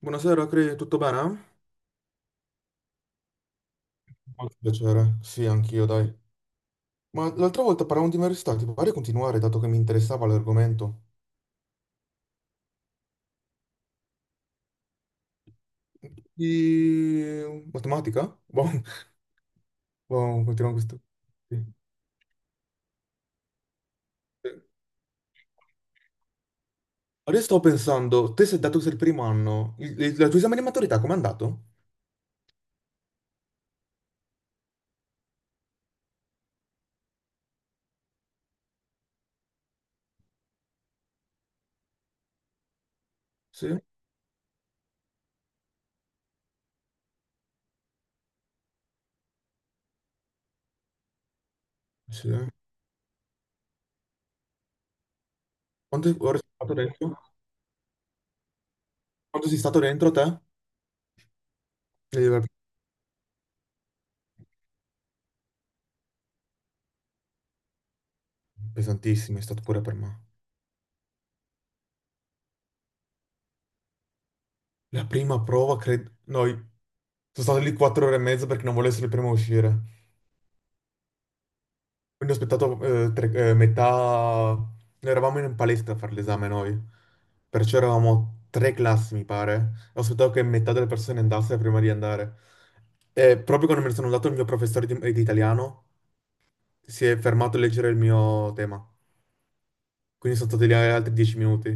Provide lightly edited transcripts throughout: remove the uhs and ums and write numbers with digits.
Buonasera, Cri, tutto bene? Molto piacere, sì, anch'io, dai. Ma l'altra volta parlavamo di università, ti pare continuare, dato che mi interessava l'argomento? Di matematica? Boh, boh, continuiamo questo. Sì. Adesso sto pensando, te sei dato che sei il primo anno, il, il tuo esame di maturità com'è andato? Sì? Sì. Quante ore sei stato dentro? Quanto sei stato dentro te? Eh, Pesantissimo, è stato pure per me. La prima prova, credo... Noi... Sono stato lì 4 ore e mezza perché non volevo essere il primo a uscire. Quindi ho aspettato metà... Noi eravamo in un palestra a fare l'esame noi, perciò eravamo 3 classi, mi pare. Ho aspettato che metà delle persone andasse prima di andare. E proprio quando me ne sono andato il mio professore di italiano si è fermato a leggere il mio tema. Quindi sono stati lì altri 10 minuti.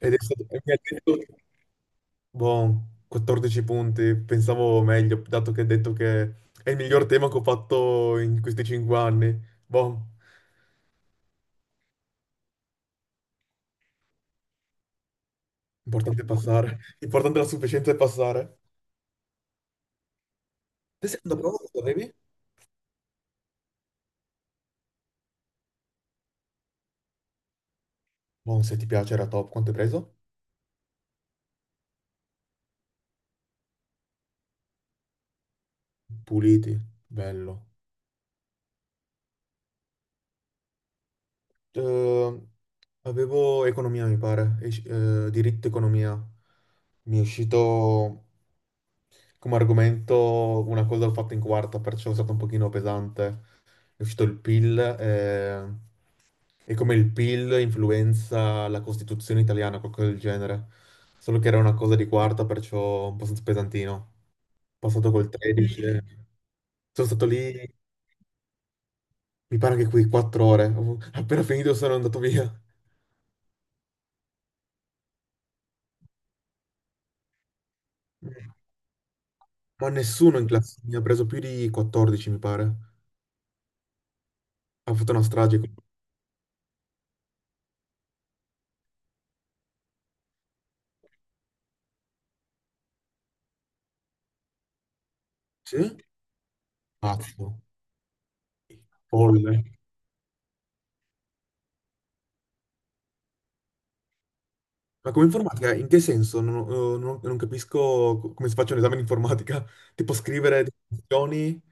Ed è stato, e mi ha detto, boh, 14 punti, pensavo meglio, dato che ha detto che è il miglior tema che ho fatto in questi 5 anni. Boh. Importante passare. Importante la sufficienza è passare. Te sei andato a prova quanto avevi? Buon, se ti piace era top. Quanto hai preso? Puliti. Bello. Eh, avevo economia, mi pare. Diritto economia. Mi è uscito come argomento una cosa l'ho fatta in quarta, perciò è stato un pochino pesante. È uscito il PIL e come il PIL influenza la Costituzione italiana, qualcosa del genere. Solo che era una cosa di quarta, perciò un po' pesantino. Passato col 13. Sono stato lì, mi pare che qui 4 ore. Appena finito sono andato via. Ma nessuno in classe mi ha preso più di 14, mi pare. Ha fatto una strage. Sì? Pazzo, folle. Ma come informatica, in che senso? Non capisco come si faccia un esame di informatica. Tipo scrivere definizioni?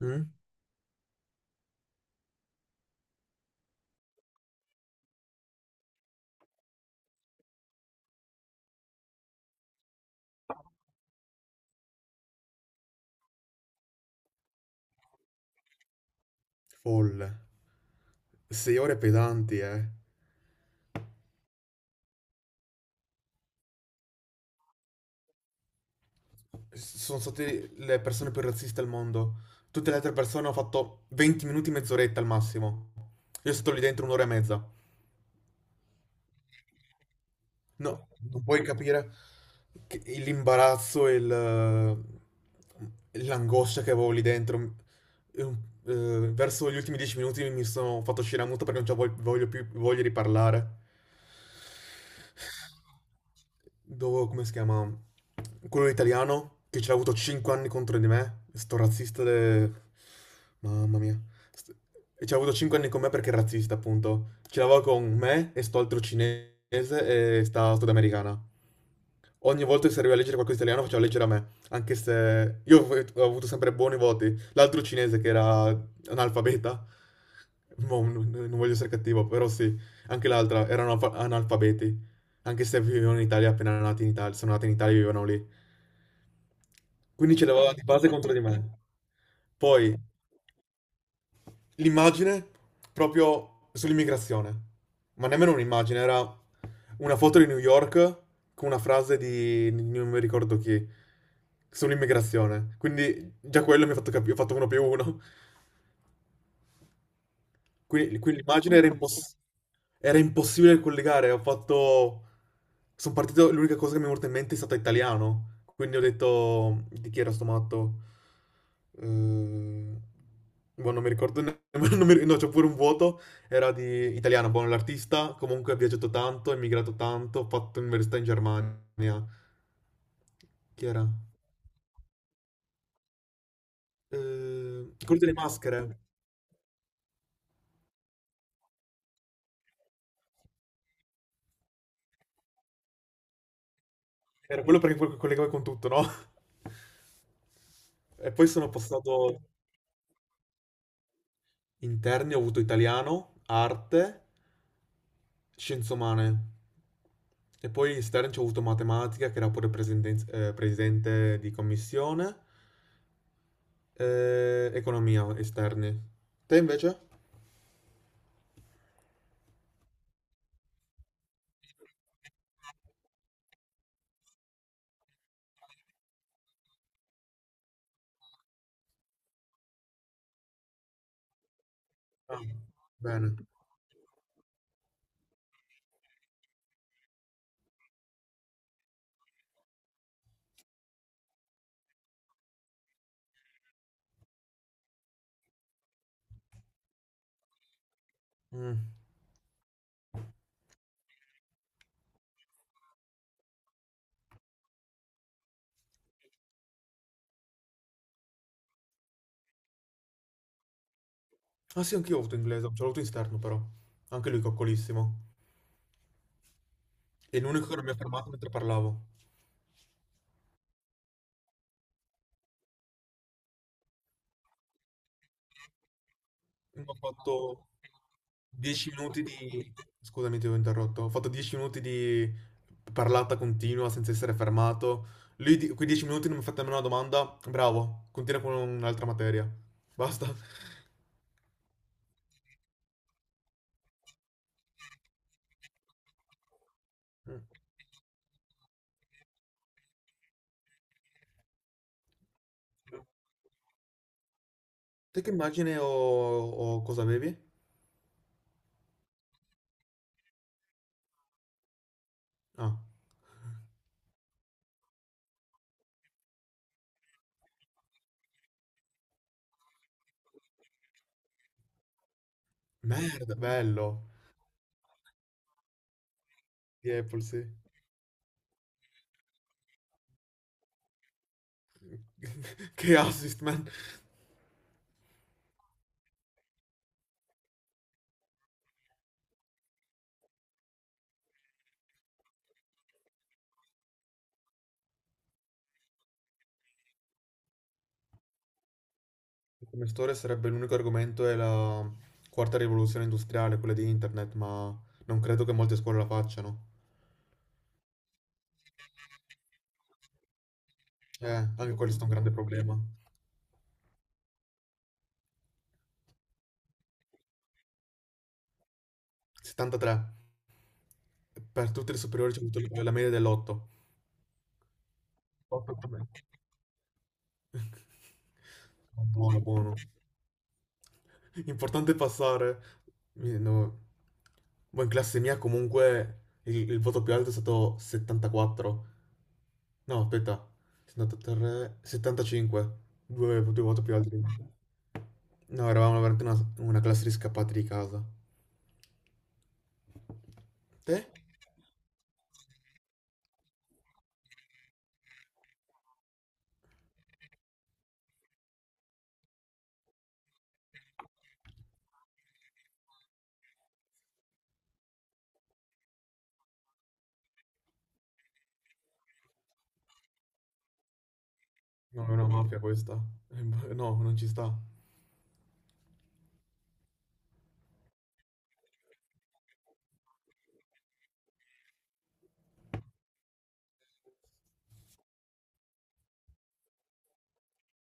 Mm? Folle. Sei ore pesanti, eh. Sono state le persone più razziste al mondo. Tutte le altre persone hanno fatto 20 minuti, mezz'oretta al massimo. Io sono stato lì dentro 1 ora e mezza. No, non puoi capire l'imbarazzo e l'angoscia che avevo lì dentro. E un- verso gli ultimi 10 minuti mi sono fatto uscire a muto perché non ci voglio, voglio più, voglio riparlare. Dopo, come si chiama? Quello italiano che ce l'ha avuto 5 anni contro di me. Sto razzista de... Mamma mia. St- E ci ha avuto 5 anni con me perché è razzista, appunto. Ci lavora con me e sto altro cinese e sta sudamericana. Ogni volta che serviva a leggere qualcosa di italiano faceva leggere a me, anche se io ho avuto sempre buoni voti. L'altro cinese che era analfabeta, mo, non voglio essere cattivo, però sì, anche l'altra erano analfabeti, anche se vivevano in Italia appena nati in Italia, sono nati in Italia e vivevano lì. Quindi ce l'aveva di base contro di me. Poi, l'immagine proprio sull'immigrazione. Ma nemmeno un'immagine, era una foto di New York con una frase di non mi ricordo chi sull'immigrazione. Quindi già quello mi ha fatto capire, ho fatto uno più uno. Quindi l'immagine era, era impossibile collegare. Ho fatto. Sono partito. L'unica cosa che mi è venuta in mente è stato italiano. Quindi ho detto di chi era sto matto. Eh, boh, non mi ricordo non mi- No, c'ho pure un vuoto. Era di italiano. Buono l'artista. Comunque ha viaggiato tanto, è emigrato tanto. Ha fatto università in Germania. Chi era? Eh, quello delle maschere. Era quello perché poi collegava con tutto, no? E poi sono passato. Interni ho avuto italiano, arte, scienze umane. E poi esterni ci ho avuto matematica, che era pure presidente di commissione, economia esterni. Te invece? Ah, bene. Mm. Ah sì, anch'io ho avuto inglese, ce l'ho avuto in esterno però. Anche lui coccolissimo. È l'unico che non mi ha fermato mentre parlavo. Ho fatto 10 minuti di... Scusami, ti ho interrotto. Ho fatto 10 minuti di parlata continua senza essere fermato. Lui, quei 10 minuti non mi ha fatto nemmeno una domanda. Bravo, continua con un'altra materia. Basta. Mm. Te che immagine o cosa avevi? Ah, merda, bello. Di Apple, sì. Che assist, man. Come storia sarebbe l'unico argomento è la quarta rivoluzione industriale, quella di internet, ma non credo che molte scuole la facciano. Anche questo è un grande problema. 73. Per tutte le superiori c'è avuto la media dell'8. 8, buono, buono. Importante passare. No. Ma in classe mia comunque il voto più alto è stato 74. No, aspetta, 73, 75, due volte più alti. No, eravamo veramente una classe di scappati di casa. Te? No, è una mafia questa. Boh, no, non ci sta.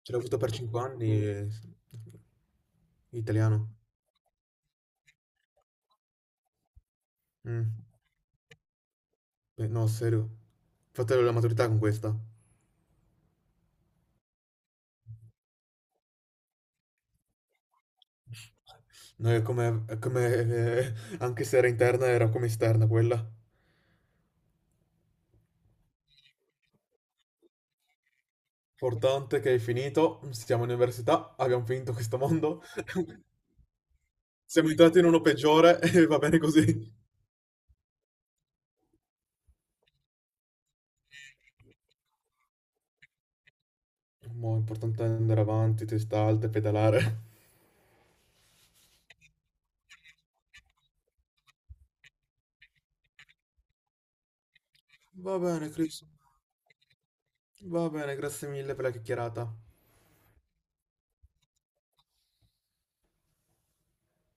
Ce l'ho avuto per 5 anni, italiano. Mm. Beh, no, serio. Fate la maturità con questa. No, è come, è come anche se era interna, era come esterna quella. Importante che hai finito, siamo in università, abbiamo finito questo mondo, siamo entrati in uno peggiore e va bene così. Mo' è importante andare avanti, testa alta e pedalare. Va bene, Chris. Va bene, grazie mille per la chiacchierata.